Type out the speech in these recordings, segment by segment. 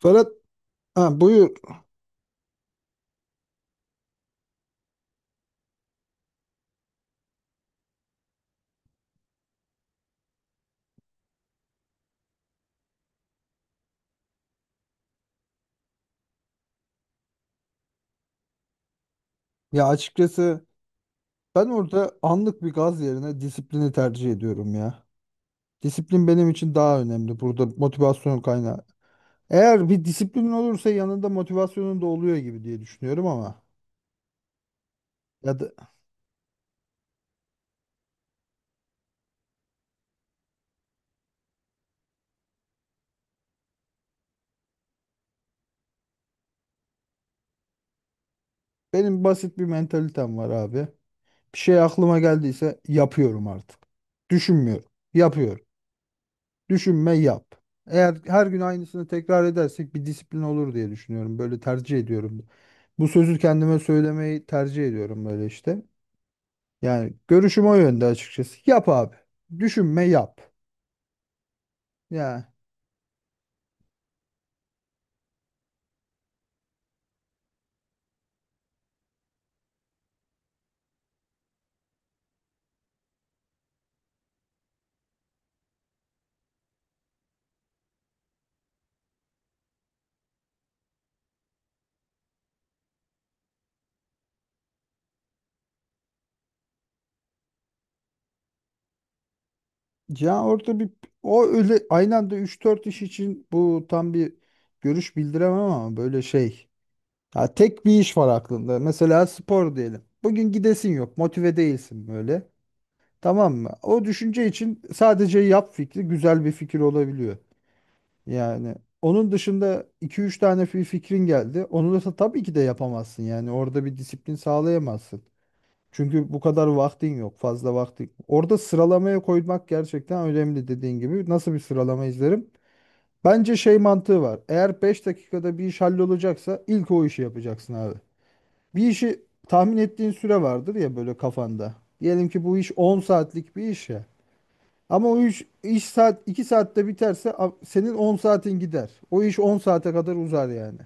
Ferhat, ha, buyur. Ya açıkçası ben orada anlık bir gaz yerine disiplini tercih ediyorum ya. Disiplin benim için daha önemli. Burada motivasyon kaynağı. Eğer bir disiplin olursa yanında motivasyonun da oluyor gibi diye düşünüyorum ama. Ya da benim basit bir mentalitem var abi. Bir şey aklıma geldiyse yapıyorum artık. Düşünmüyorum. Yapıyorum. Düşünme yap. Eğer her gün aynısını tekrar edersek bir disiplin olur diye düşünüyorum. Böyle tercih ediyorum. Bu sözü kendime söylemeyi tercih ediyorum böyle işte. Yani görüşüm o yönde açıkçası. Yap abi. Düşünme yap. Ya ya orada bir o öyle aynı anda üç dört iş için bu tam bir görüş bildiremem ama böyle şey. Ya tek bir iş var aklında. Mesela spor diyelim. Bugün gidesin yok, motive değilsin böyle. Tamam mı? O düşünce için sadece yap fikri güzel bir fikir olabiliyor. Yani onun dışında iki üç tane bir fikrin geldi. Onu da tabii ki de yapamazsın. Yani orada bir disiplin sağlayamazsın. Çünkü bu kadar vaktin yok, fazla vaktin. Orada sıralamaya koymak gerçekten önemli dediğin gibi. Nasıl bir sıralama izlerim? Bence şey mantığı var. Eğer 5 dakikada bir iş hallolacaksa ilk o işi yapacaksın abi. Bir işi tahmin ettiğin süre vardır ya böyle kafanda. Diyelim ki bu iş 10 saatlik bir iş ya. Ama o iş, iş saat 2 saatte biterse senin 10 saatin gider. O iş 10 saate kadar uzar yani.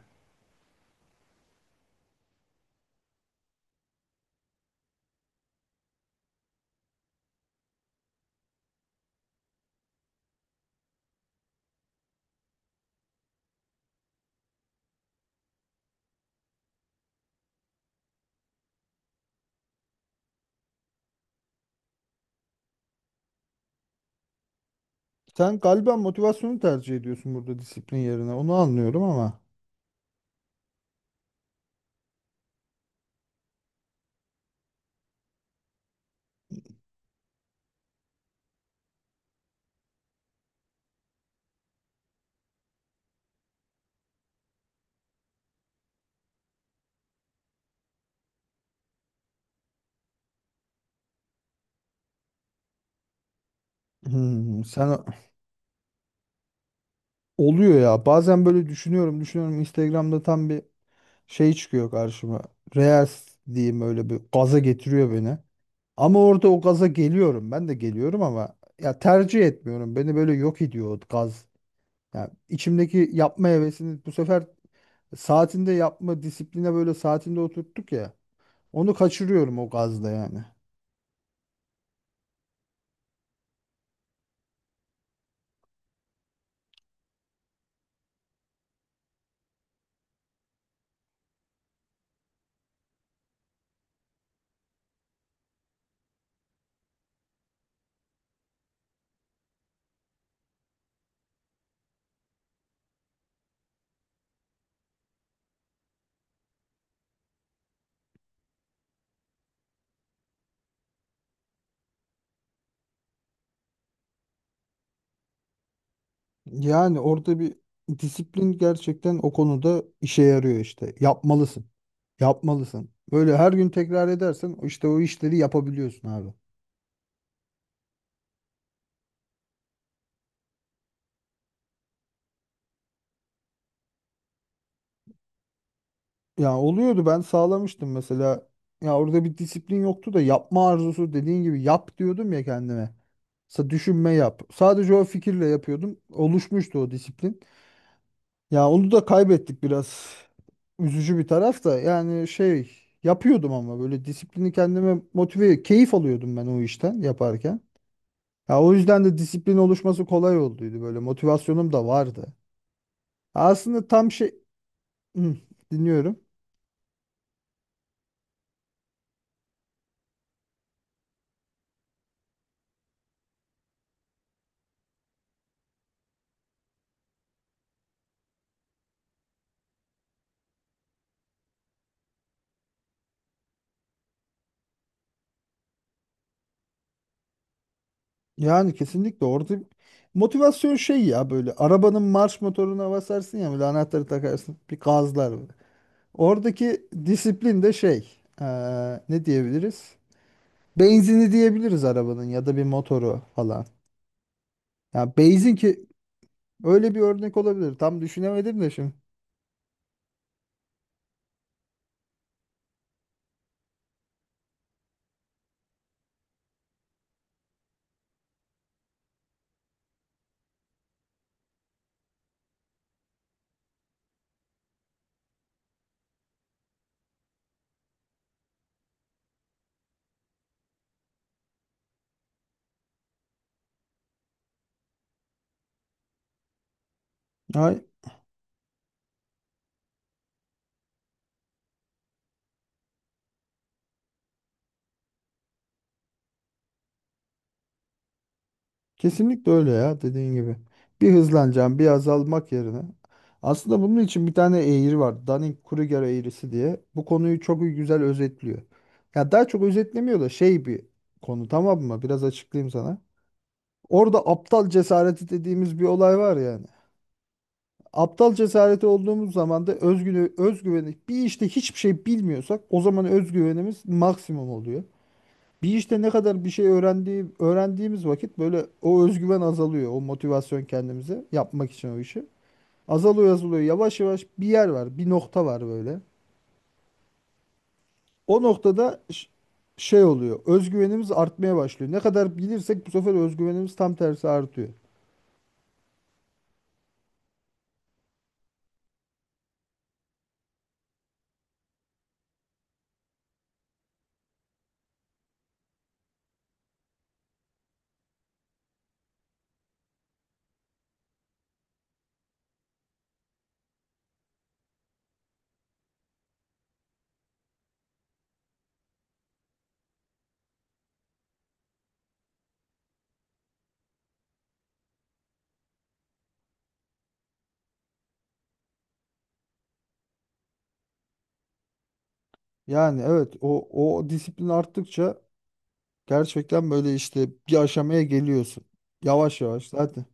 Sen galiba motivasyonu tercih ediyorsun burada disiplin yerine. Onu anlıyorum ama. Hmm, sen oluyor ya. Bazen böyle düşünüyorum, düşünüyorum. Instagram'da tam bir şey çıkıyor karşıma. Reels diyeyim öyle bir gaza getiriyor beni. Ama orada o gaza geliyorum. Ben de geliyorum ama ya tercih etmiyorum. Beni böyle yok ediyor o gaz. Ya içimdeki yapma hevesini bu sefer saatinde yapma disipline böyle saatinde oturttuk ya. Onu kaçırıyorum o gazla yani. Yani orada bir disiplin gerçekten o konuda işe yarıyor işte. Yapmalısın. Yapmalısın. Böyle her gün tekrar edersen işte o işleri yapabiliyorsun abi. Ya oluyordu ben sağlamıştım mesela. Ya orada bir disiplin yoktu da yapma arzusu dediğin gibi yap diyordum ya kendime. Düşünme yap. Sadece o fikirle yapıyordum. Oluşmuştu o disiplin. Ya onu da kaybettik biraz. Üzücü bir taraf da yani şey yapıyordum ama böyle disiplini kendime motive, keyif alıyordum ben o işten yaparken. Ya o yüzden de disiplin oluşması kolay olduydu böyle motivasyonum da vardı. Aslında tam şey Hı, dinliyorum. Yani kesinlikle orada motivasyon şey ya böyle arabanın marş motoruna basarsın ya böyle anahtarı takarsın bir gazlar böyle. Oradaki disiplin de şey ne diyebiliriz? Benzini diyebiliriz arabanın ya da bir motoru falan. Ya benzin ki öyle bir örnek olabilir. Tam düşünemedim de şimdi. Ay. Kesinlikle öyle ya dediğin gibi. Bir hızlanacağım, bir azalmak yerine. Aslında bunun için bir tane eğri var. Dunning-Kruger eğrisi diye. Bu konuyu çok güzel özetliyor. Ya daha çok özetlemiyor da şey bir konu tamam mı? Biraz açıklayayım sana. Orada aptal cesareti dediğimiz bir olay var yani. Aptal cesareti olduğumuz zaman da özgüveni bir işte hiçbir şey bilmiyorsak o zaman özgüvenimiz maksimum oluyor. Bir işte ne kadar bir şey öğrendiğimiz vakit böyle o özgüven azalıyor. O motivasyon kendimize yapmak için o işi. Azalıyor azalıyor. Yavaş yavaş bir yer var. Bir nokta var böyle. O noktada şey oluyor. Özgüvenimiz artmaya başlıyor. Ne kadar bilirsek bu sefer özgüvenimiz tam tersi artıyor. Yani evet o disiplin arttıkça gerçekten böyle işte bir aşamaya geliyorsun. Yavaş yavaş zaten.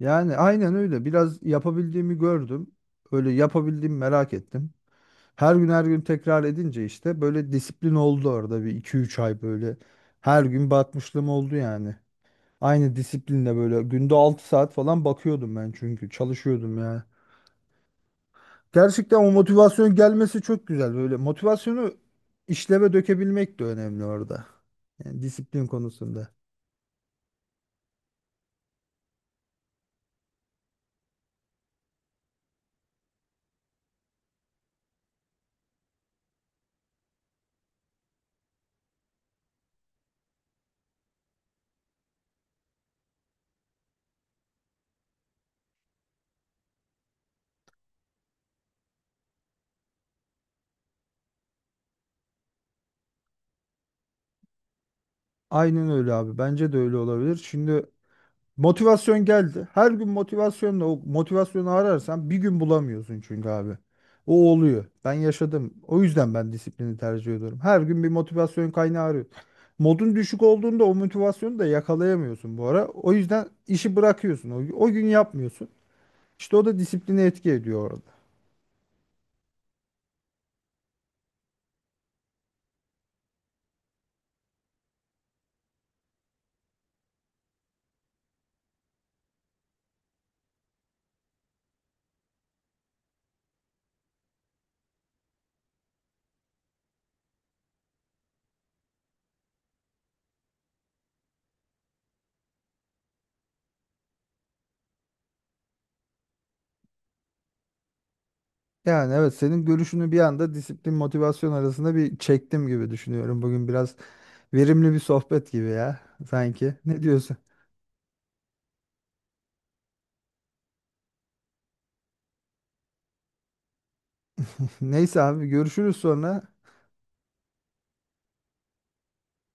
Yani aynen öyle. Biraz yapabildiğimi gördüm. Öyle yapabildiğimi merak ettim. Her gün her gün tekrar edince işte böyle disiplin oldu orada bir iki üç ay böyle. Her gün bakmışlığım oldu yani. Aynı disiplinle böyle günde 6 saat falan bakıyordum ben çünkü çalışıyordum ya. Gerçekten o motivasyon gelmesi çok güzel böyle. Motivasyonu işleve dökebilmek de önemli orada. Yani disiplin konusunda. Aynen öyle abi. Bence de öyle olabilir. Şimdi motivasyon geldi. Her gün motivasyonla o motivasyonu ararsan bir gün bulamıyorsun çünkü abi. O oluyor. Ben yaşadım. O yüzden ben disiplini tercih ediyorum. Her gün bir motivasyon kaynağı arıyorum. Modun düşük olduğunda o motivasyonu da yakalayamıyorsun bu ara. O yüzden işi bırakıyorsun. O gün yapmıyorsun. İşte o da disipline etki ediyor orada. Yani evet senin görüşünü bir anda disiplin motivasyon arasında bir çektim gibi düşünüyorum. Bugün biraz verimli bir sohbet gibi ya sanki. Ne diyorsun? Neyse abi görüşürüz sonra.